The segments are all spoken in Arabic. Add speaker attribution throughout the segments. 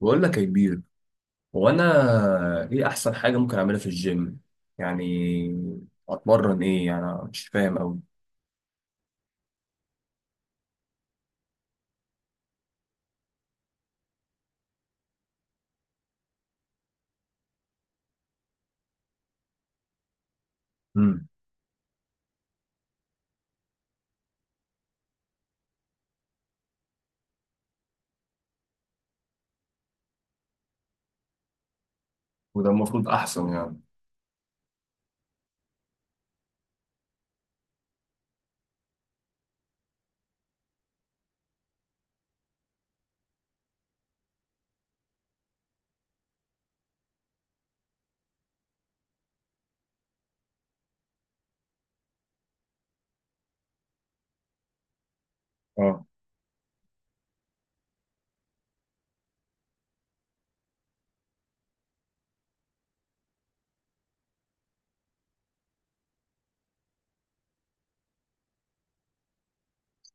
Speaker 1: بقول لك يا كبير، هو انا ايه احسن حاجه ممكن اعملها في الجيم؟ يعني اتمرن ايه؟ يعني أنا مش فاهم قوي. امم وده المفروض احسن يعني. اه،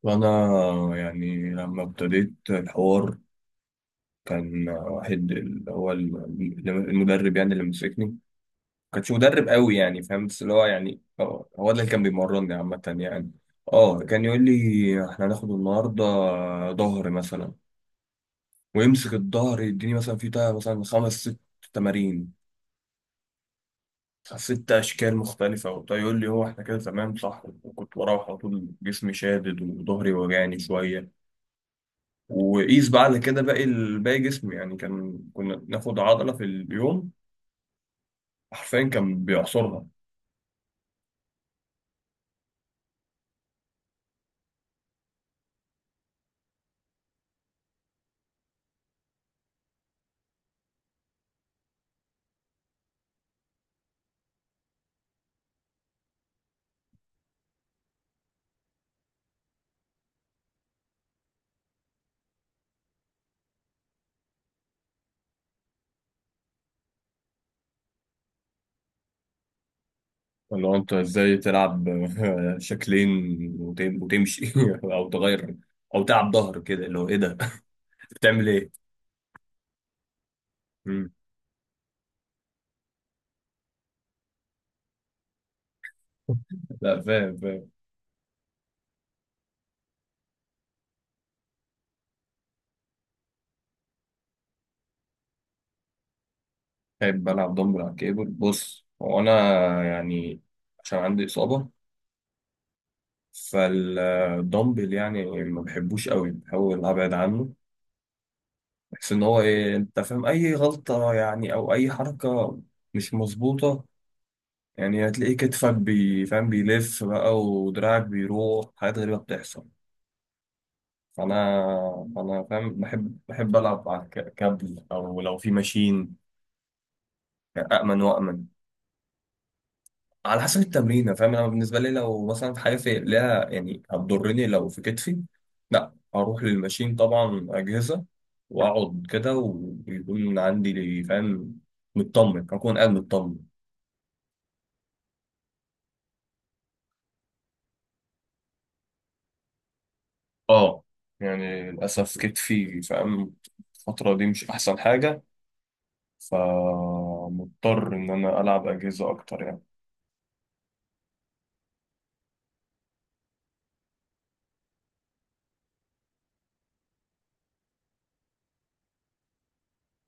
Speaker 1: وانا يعني لما ابتديت الحوار، كان واحد اللي هو المدرب يعني اللي مسكني، ما كانش مدرب قوي يعني، فاهم، بس اللي هو يعني هو ده اللي كان بيمرني عامه يعني. اه كان يقول لي احنا هناخد النهارده ظهر مثلا، ويمسك الظهر يديني مثلا في بتاع مثلا خمس ست تمارين، ست اشكال مختلفه وبتاع، يقول لي هو احنا كده تمام صح، وكنت بروح على طول جسمي شادد وظهري وجعني شويه، وقيس بقى على كده باقي باقي جسمي يعني، كنا ناخد عضله في اليوم، حرفيا كان بيعصرها. اللي هو انت ازاي تلعب شكلين وتمشي او تغير، او تلعب ظهر كده اللي هو ايه ده؟ بتعمل ايه؟ مم. لا، فاهم فاهم. بحب بلعب دمبل على الكيبل. بص، هو أنا يعني عشان عندي إصابة، فالدمبل يعني ما بحبوش قوي، بحاول أبعد عنه. بحس إن هو إيه، أنت فاهم، أي غلطة يعني أو أي حركة مش مظبوطة، يعني هتلاقي كتفك فاهم بيلف بقى، ودراعك بيروح حاجات غريبة بتحصل. فأنا فاهم، بحب ألعب على كابل، أو لو في ماشين يعني، أأمن وأأمن. على حسب التمرين، فاهم، انا بالنسبه لي لو مثلا في حاجه في ليها يعني هتضرني، لو في كتفي لا، اروح للماشين طبعا، اجهزه، واقعد كده ويكون عندي، فاهم، مطمن، اكون قاعد مطمن. اه يعني للاسف كتفي، فاهم، الفتره دي مش احسن حاجه، فمضطر ان انا العب اجهزه اكتر يعني.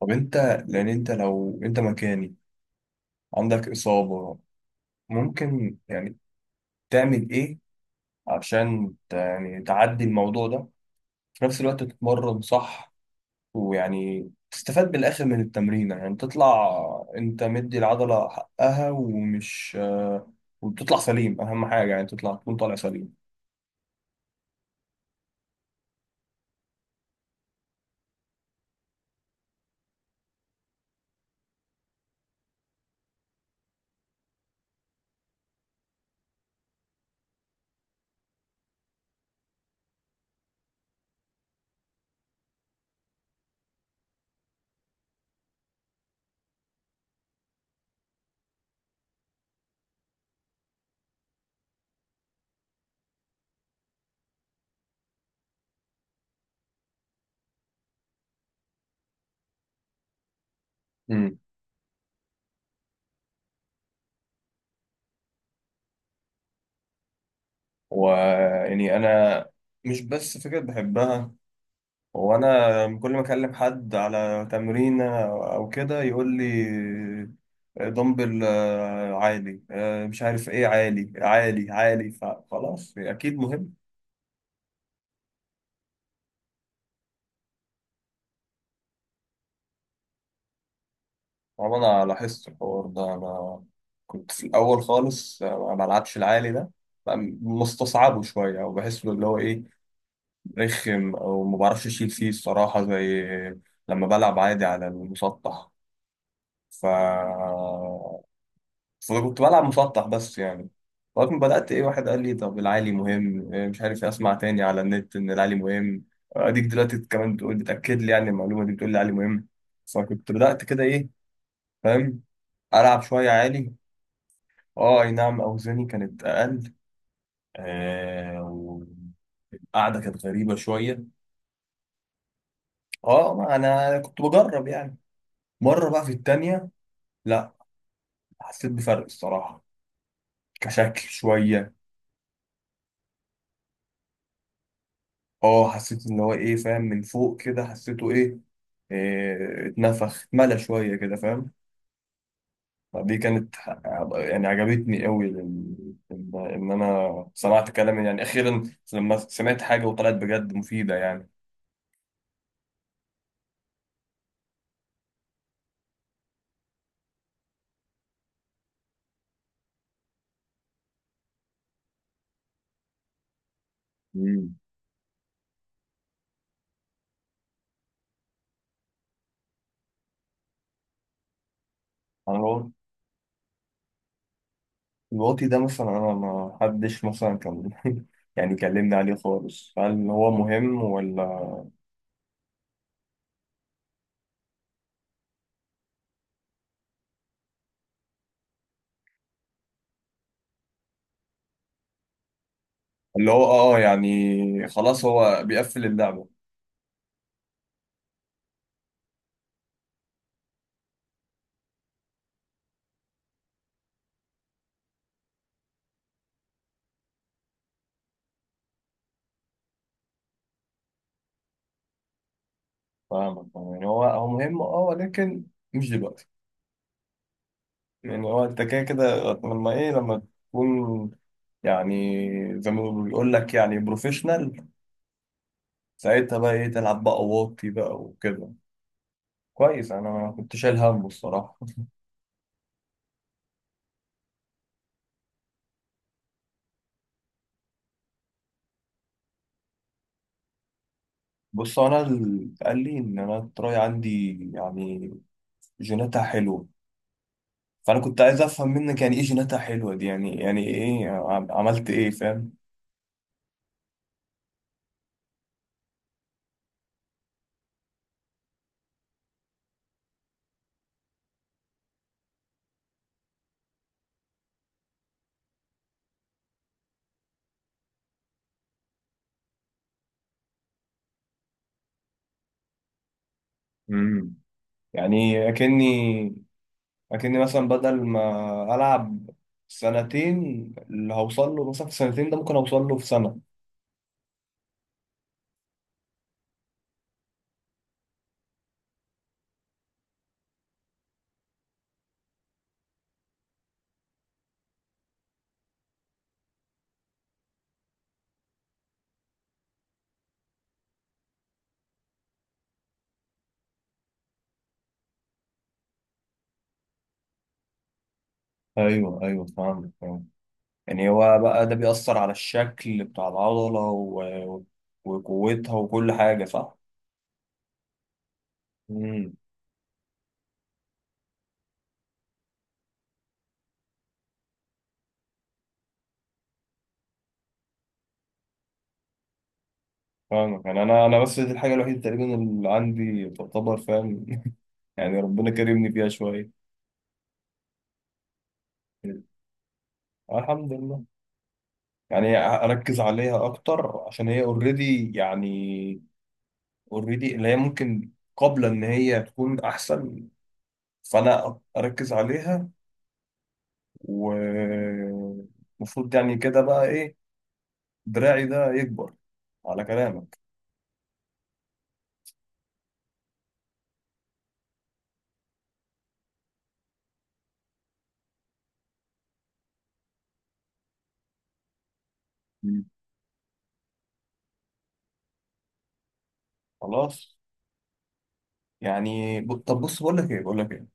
Speaker 1: طب انت، لان انت لو انت مكاني، عندك اصابه، ممكن يعني تعمل ايه عشان يعني تعدي الموضوع ده، في نفس الوقت تتمرن صح، ويعني تستفاد بالآخر من التمرين، يعني تطلع انت مدي العضلة حقها ومش وتطلع سليم، أهم حاجة يعني تطلع، تكون طالع سليم. امم ويعني أنا مش بس فكرة بحبها، وأنا كل ما أكلم حد على تمرينة أو كده يقول لي دمبل عالي مش عارف إيه، عالي عالي عالي، فخلاص أكيد مهم. طبعا انا لاحظت الحوار ده، انا كنت في الاول خالص ما بلعبش العالي ده، بقى مستصعبه شويه، او بحس له اللي هو ايه، رخم، او ما بعرفش اشيل فيه الصراحه، زي لما بلعب عادي على المسطح. ف فكنت بلعب مسطح بس يعني، لغايه ما بدات ايه، واحد قال لي طب العالي مهم، إيه مش عارف إيه، اسمع تاني على النت ان العالي مهم، اديك دلوقتي كمان بتقول، بتاكد لي يعني المعلومه دي، بتقول لي العالي مهم. فكنت بدات كده ايه، فاهم، العب شويه عالي. اه اي نعم، اوزاني كانت اقل، آه والقعده كانت غريبه شويه. اه ما انا كنت بجرب يعني، مره بقى في التانية لا، حسيت بفرق الصراحه، كشكل شويه. اه حسيت ان هو ايه، فاهم، من فوق كده حسيته ايه، اتنفخ اتملى شويه كده، فاهم. فدي كانت يعني عجبتني قوي إن انا سمعت كلام يعني اخيرا، لما سمعت حاجه وطلعت بجد مفيده يعني. مم. انا الواطي ده مثلا، انا ما حدش مثلا كان يعني كلمني عليه خالص، هل هو مهم ولا؟ اللي هو اه يعني خلاص، هو بيقفل اللعبة. فاهمك، يعني هو هو مهم اه، ولكن مش دلوقتي. يعني هو انت كده كده، لما ايه لما تكون يعني زي ما بيقول لك يعني بروفيشنال، ساعتها بقى ايه، تلعب بقى واطي بقى وكده. كويس، انا كنت شايل هم الصراحة. بص انا اللي قال لي ان انا التراي عندي يعني جيناتها حلوة، فانا كنت عايز افهم منك يعني ايه جيناتها حلوه دي، يعني ايه عملت ايه، فاهم؟ امم يعني اكني مثلا، بدل ما العب سنتين، اللي هوصل له مثلا في سنتين ده، ممكن اوصل له في سنه. ايوه ايوه، فاهم فاهم. يعني هو بقى ده بيأثر على الشكل بتاع العضله و... وقوتها وكل حاجه، صح؟ امم فاهمك، يعني انا بس دي الحاجه الوحيده تقريبا اللي عندي تعتبر، فاهم؟ يعني ربنا كرمني فيها شويه. الحمد لله. يعني اركز عليها اكتر عشان هي اوريدي، يعني اوريدي اللي هي ممكن قبل ان هي تكون احسن، فانا اركز عليها، ومفروض يعني كده بقى ايه، دراعي ده يكبر على كلامك. مم. خلاص. يعني طب بص، بقول لك ايه،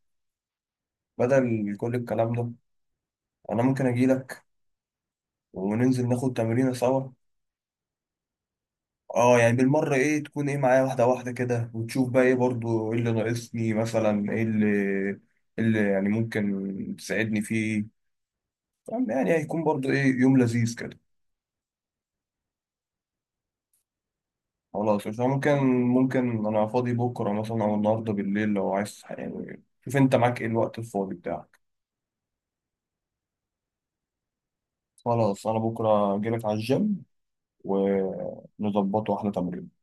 Speaker 1: بدل كل الكلام ده انا ممكن اجي لك وننزل ناخد تمرينه سوا. اه يعني بالمرة ايه، تكون ايه معايا واحدة واحدة كده، وتشوف بقى ايه برضو ايه اللي ناقصني، مثلا ايه اللي إيه اللي يعني ممكن تساعدني فيه، فاهم؟ يعني هيكون برضو ايه يوم لذيذ كده. خلاص عشان ممكن انا فاضي بكرة مثلا او النهاردة بالليل، لو عايز يعني شوف انت معاك ايه الوقت الفاضي بتاعك. خلاص انا بكرة اجيلك على الجيم ونظبط واحدة تمرين.